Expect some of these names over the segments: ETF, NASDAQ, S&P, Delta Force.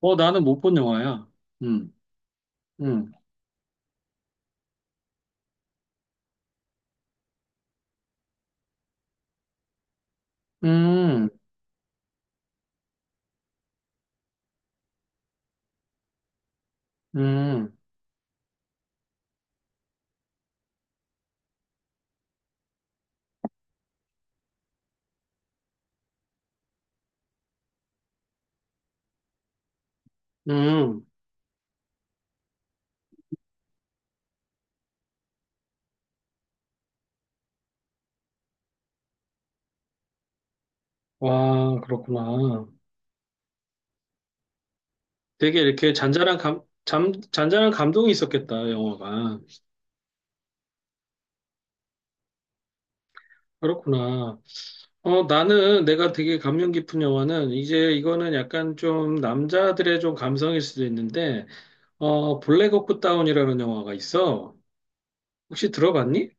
나는 못 본 영화야. 음, 음, 음, 음, 음. 와, 그렇구나. 되게 이렇게 잔잔한 잔잔한 감동이 있었겠다, 영화가. 그렇구나. 나는 내가 되게 감명 깊은 영화는 이제 이거는 약간 좀 남자들의 좀 감성일 수도 있는데, 블랙 호크 다운이라는 영화가 있어. 혹시 들어봤니?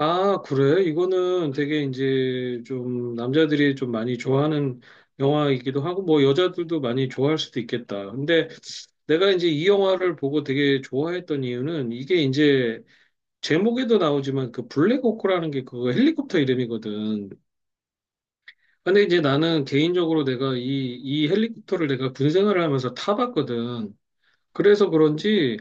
아, 그래? 이거는 되게 이제 좀 남자들이 좀 많이 좋아하는 영화이기도 하고, 뭐 여자들도 많이 좋아할 수도 있겠다. 근데 내가 이제 이 영화를 보고 되게 좋아했던 이유는 이게 이제 제목에도 나오지만 그 블랙호크라는 게 그거 헬리콥터 이름이거든. 근데 이제 나는 개인적으로 내가 이 헬리콥터를 내가 군 생활을 하면서 타봤거든. 그래서 그런지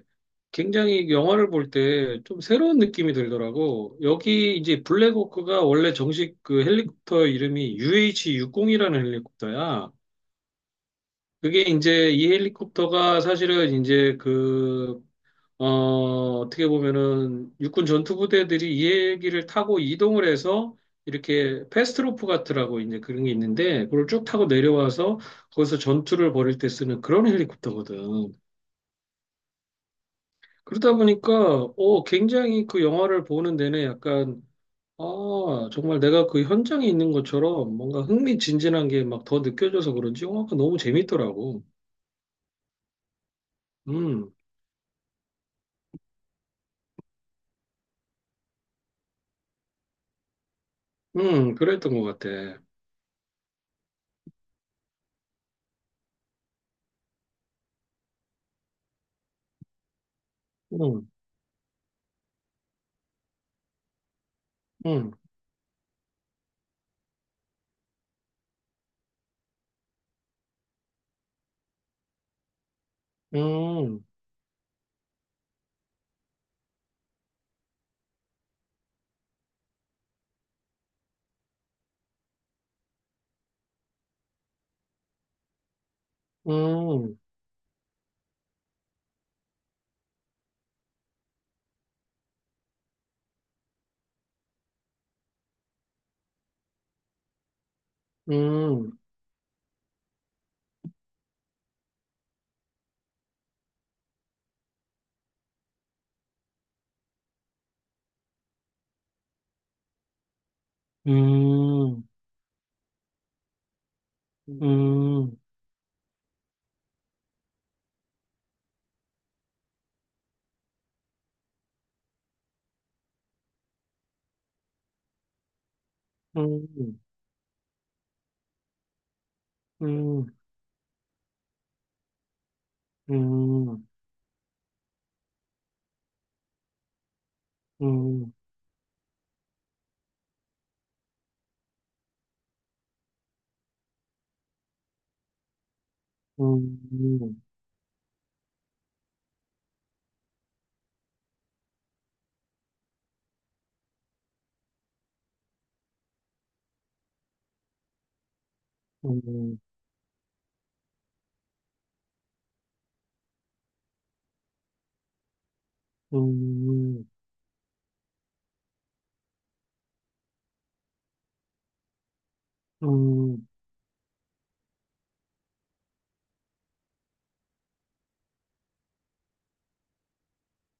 굉장히 영화를 볼 때 좀 새로운 느낌이 들더라고. 여기 이제 블랙호크가 원래 정식 그 헬리콥터 이름이 UH-60이라는 헬리콥터야. 그게 이제 이 헬리콥터가 사실은 이제 그, 어, 어떻게 보면은 육군 전투부대들이 이 헬기를 타고 이동을 해서 이렇게 패스트로프 같으라고 이제 그런 게 있는데 그걸 쭉 타고 내려와서 거기서 전투를 벌일 때 쓰는 그런 헬리콥터거든. 그러다 보니까 굉장히 그 영화를 보는 내내 약간 아 정말 내가 그 현장에 있는 것처럼 뭔가 흥미진진한 게 막 더 느껴져서 그런지 영화가 너무 재밌더라고. 음, 그랬던 것 같아. 음, 음, 음, 음, 음, 음, 음, 음, 음, 음, 음, 음, 음, 음, 음,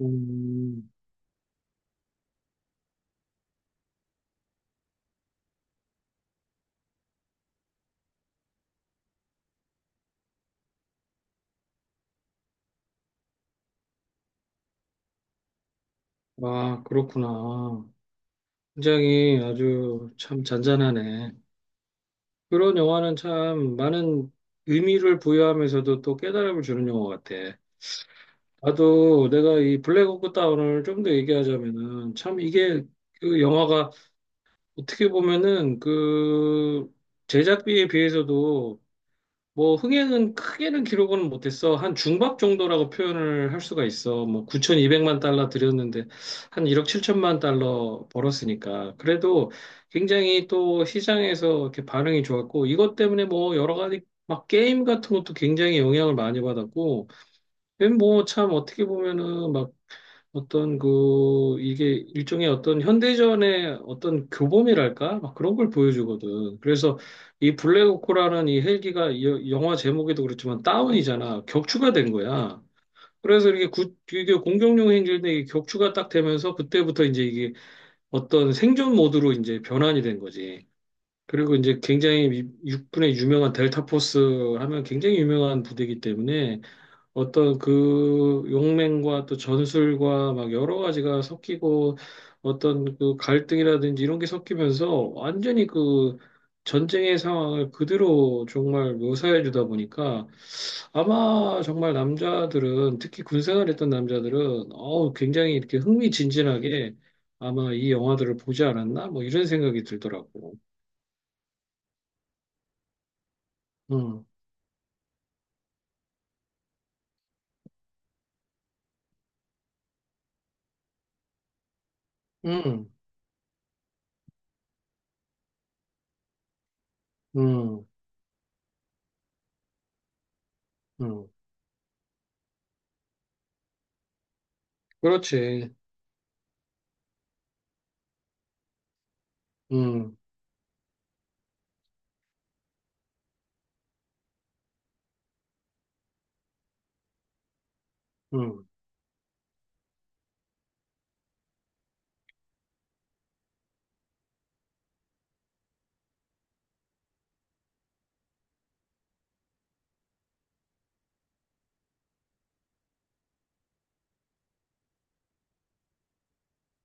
음. 아, 그렇구나. 굉장히 아주 참 잔잔하네. 그런 영화는 참 많은 의미를 부여하면서도 또 깨달음을 주는 영화 같아. 나도 내가 이 블랙 호크 다운을 좀 더 얘기하자면은 참 이게 그 영화가 어떻게 보면은 그 제작비에 비해서도 뭐 흥행은 크게는 기록은 못했어. 한 중박 정도라고 표현을 할 수가 있어. 뭐 9,200만 달러 들였는데 한 1억 7천만 달러 벌었으니까. 그래도 굉장히 또 시장에서 이렇게 반응이 좋았고 이것 때문에 뭐 여러 가지 막 게임 같은 것도 굉장히 영향을 많이 받았고 뭐 참 어떻게 보면은 막 어떤 그 이게 일종의 어떤 현대전의 어떤 교범이랄까 막 그런 걸 보여주거든. 그래서 이 블랙호크라는 이 헬기가 이 영화 제목에도 그렇지만 다운이잖아. 격추가 된 거야. 그래서 이게 공격용 헬기인데 이게 격추가 딱 되면서 그때부터 이제 이게 어떤 생존 모드로 이제 변환이 된 거지. 그리고 이제 굉장히 육군의 유명한 델타 포스 하면 굉장히 유명한 부대이기 때문에 어떤 그 용맹과 또 전술과 막 여러 가지가 섞이고 어떤 그 갈등이라든지 이런 게 섞이면서 완전히 그 전쟁의 상황을 그대로 정말 묘사해 주다 보니까 아마 정말 남자들은 특히 군생활 했던 남자들은 어우 굉장히 이렇게 흥미진진하게 아마 이 영화들을 보지 않았나 뭐 이런 생각이 들더라고. 음, 음, 음, 음. 그렇지. 음, 음.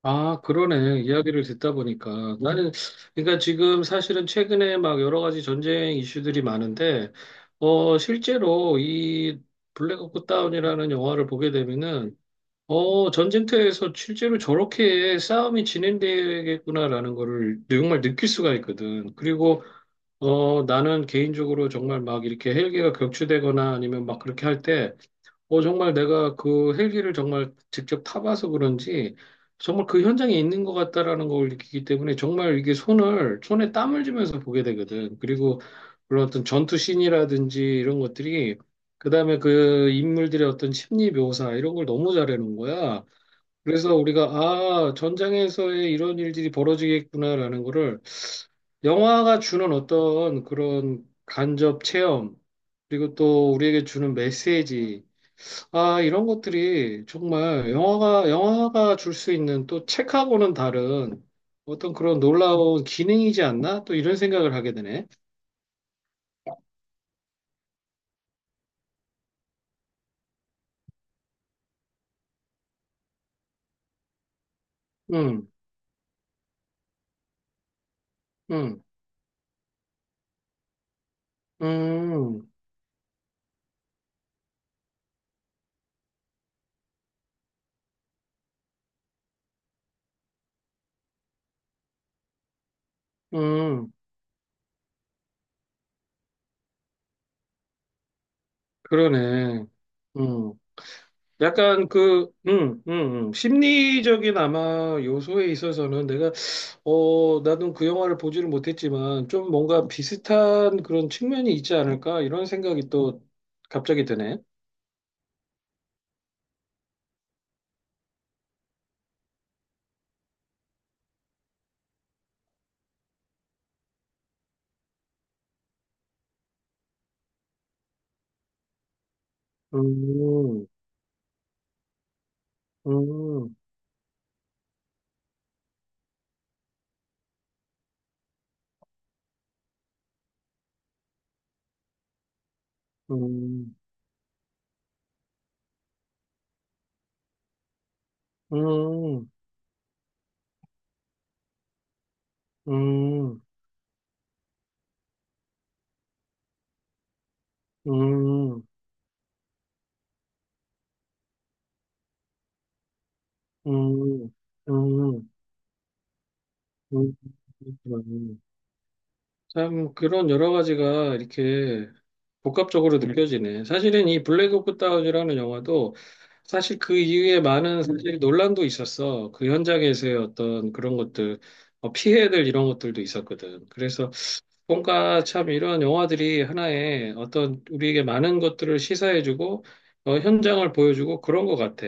아, 그러네. 이야기를 듣다 보니까. 나는, 그러니까 지금 사실은 최근에 막 여러 가지 전쟁 이슈들이 많은데, 실제로 이 블랙 옵스 다운이라는 영화를 보게 되면은, 전쟁터에서 실제로 저렇게 싸움이 진행되겠구나라는 거를 정말 느낄 수가 있거든. 그리고, 나는 개인적으로 정말 막 이렇게 헬기가 격추되거나 아니면 막 그렇게 할 때, 정말 내가 그 헬기를 정말 직접 타봐서 그런지 정말 그 현장에 있는 것 같다라는 걸 느끼기 때문에 정말 이게 손에 땀을 쥐면서 보게 되거든. 그리고 물론 어떤 전투 씬이라든지 이런 것들이 그다음에 그 인물들의 어떤 심리 묘사 이런 걸 너무 잘해놓은 거야. 그래서 우리가 아, 전장에서의 이런 일들이 벌어지겠구나라는 거를 영화가 주는 어떤 그런 간접 체험 그리고 또 우리에게 주는 메시지 아, 이런 것들이 정말 영화가 줄 수 있는 또 책하고는 다른 어떤 그런 놀라운 기능이지 않나? 또 이런 생각을 하게 되네. 음, 음, 음, 음, 그러네. 음, 약간 그, 심리적인 아마 요소에 있어서는 내가, 나는 그 영화를 보지를 못했지만 좀 뭔가 비슷한 그런 측면이 있지 않을까? 이런 생각이 또 갑자기 드네. 음, 음. 음, 음, 음, 음, 음, 음, 음, 그렇구나. 참, 그런 여러 가지가 이렇게 복합적으로 느껴지네. 사실은 이 블랙 오프 다운이라는 영화도 사실 그 이후에 많은 사실 논란도 있었어. 그 현장에서의 어떤 그런 것들, 피해들 이런 것들도 있었거든. 그래서 뭔가 참 이런 영화들이 하나의 어떤 우리에게 많은 것들을 시사해주고, 현장을 보여주고 그런 것 같아.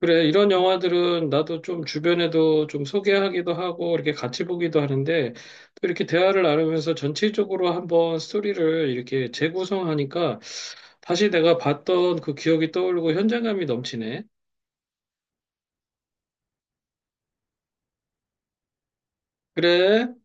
그래, 이런 영화들은 나도 좀 주변에도 좀 소개하기도 하고, 이렇게 같이 보기도 하는데, 또 이렇게 대화를 나누면서 전체적으로 한번 스토리를 이렇게 재구성하니까, 다시 내가 봤던 그 기억이 떠오르고 현장감이 넘치네. 그래.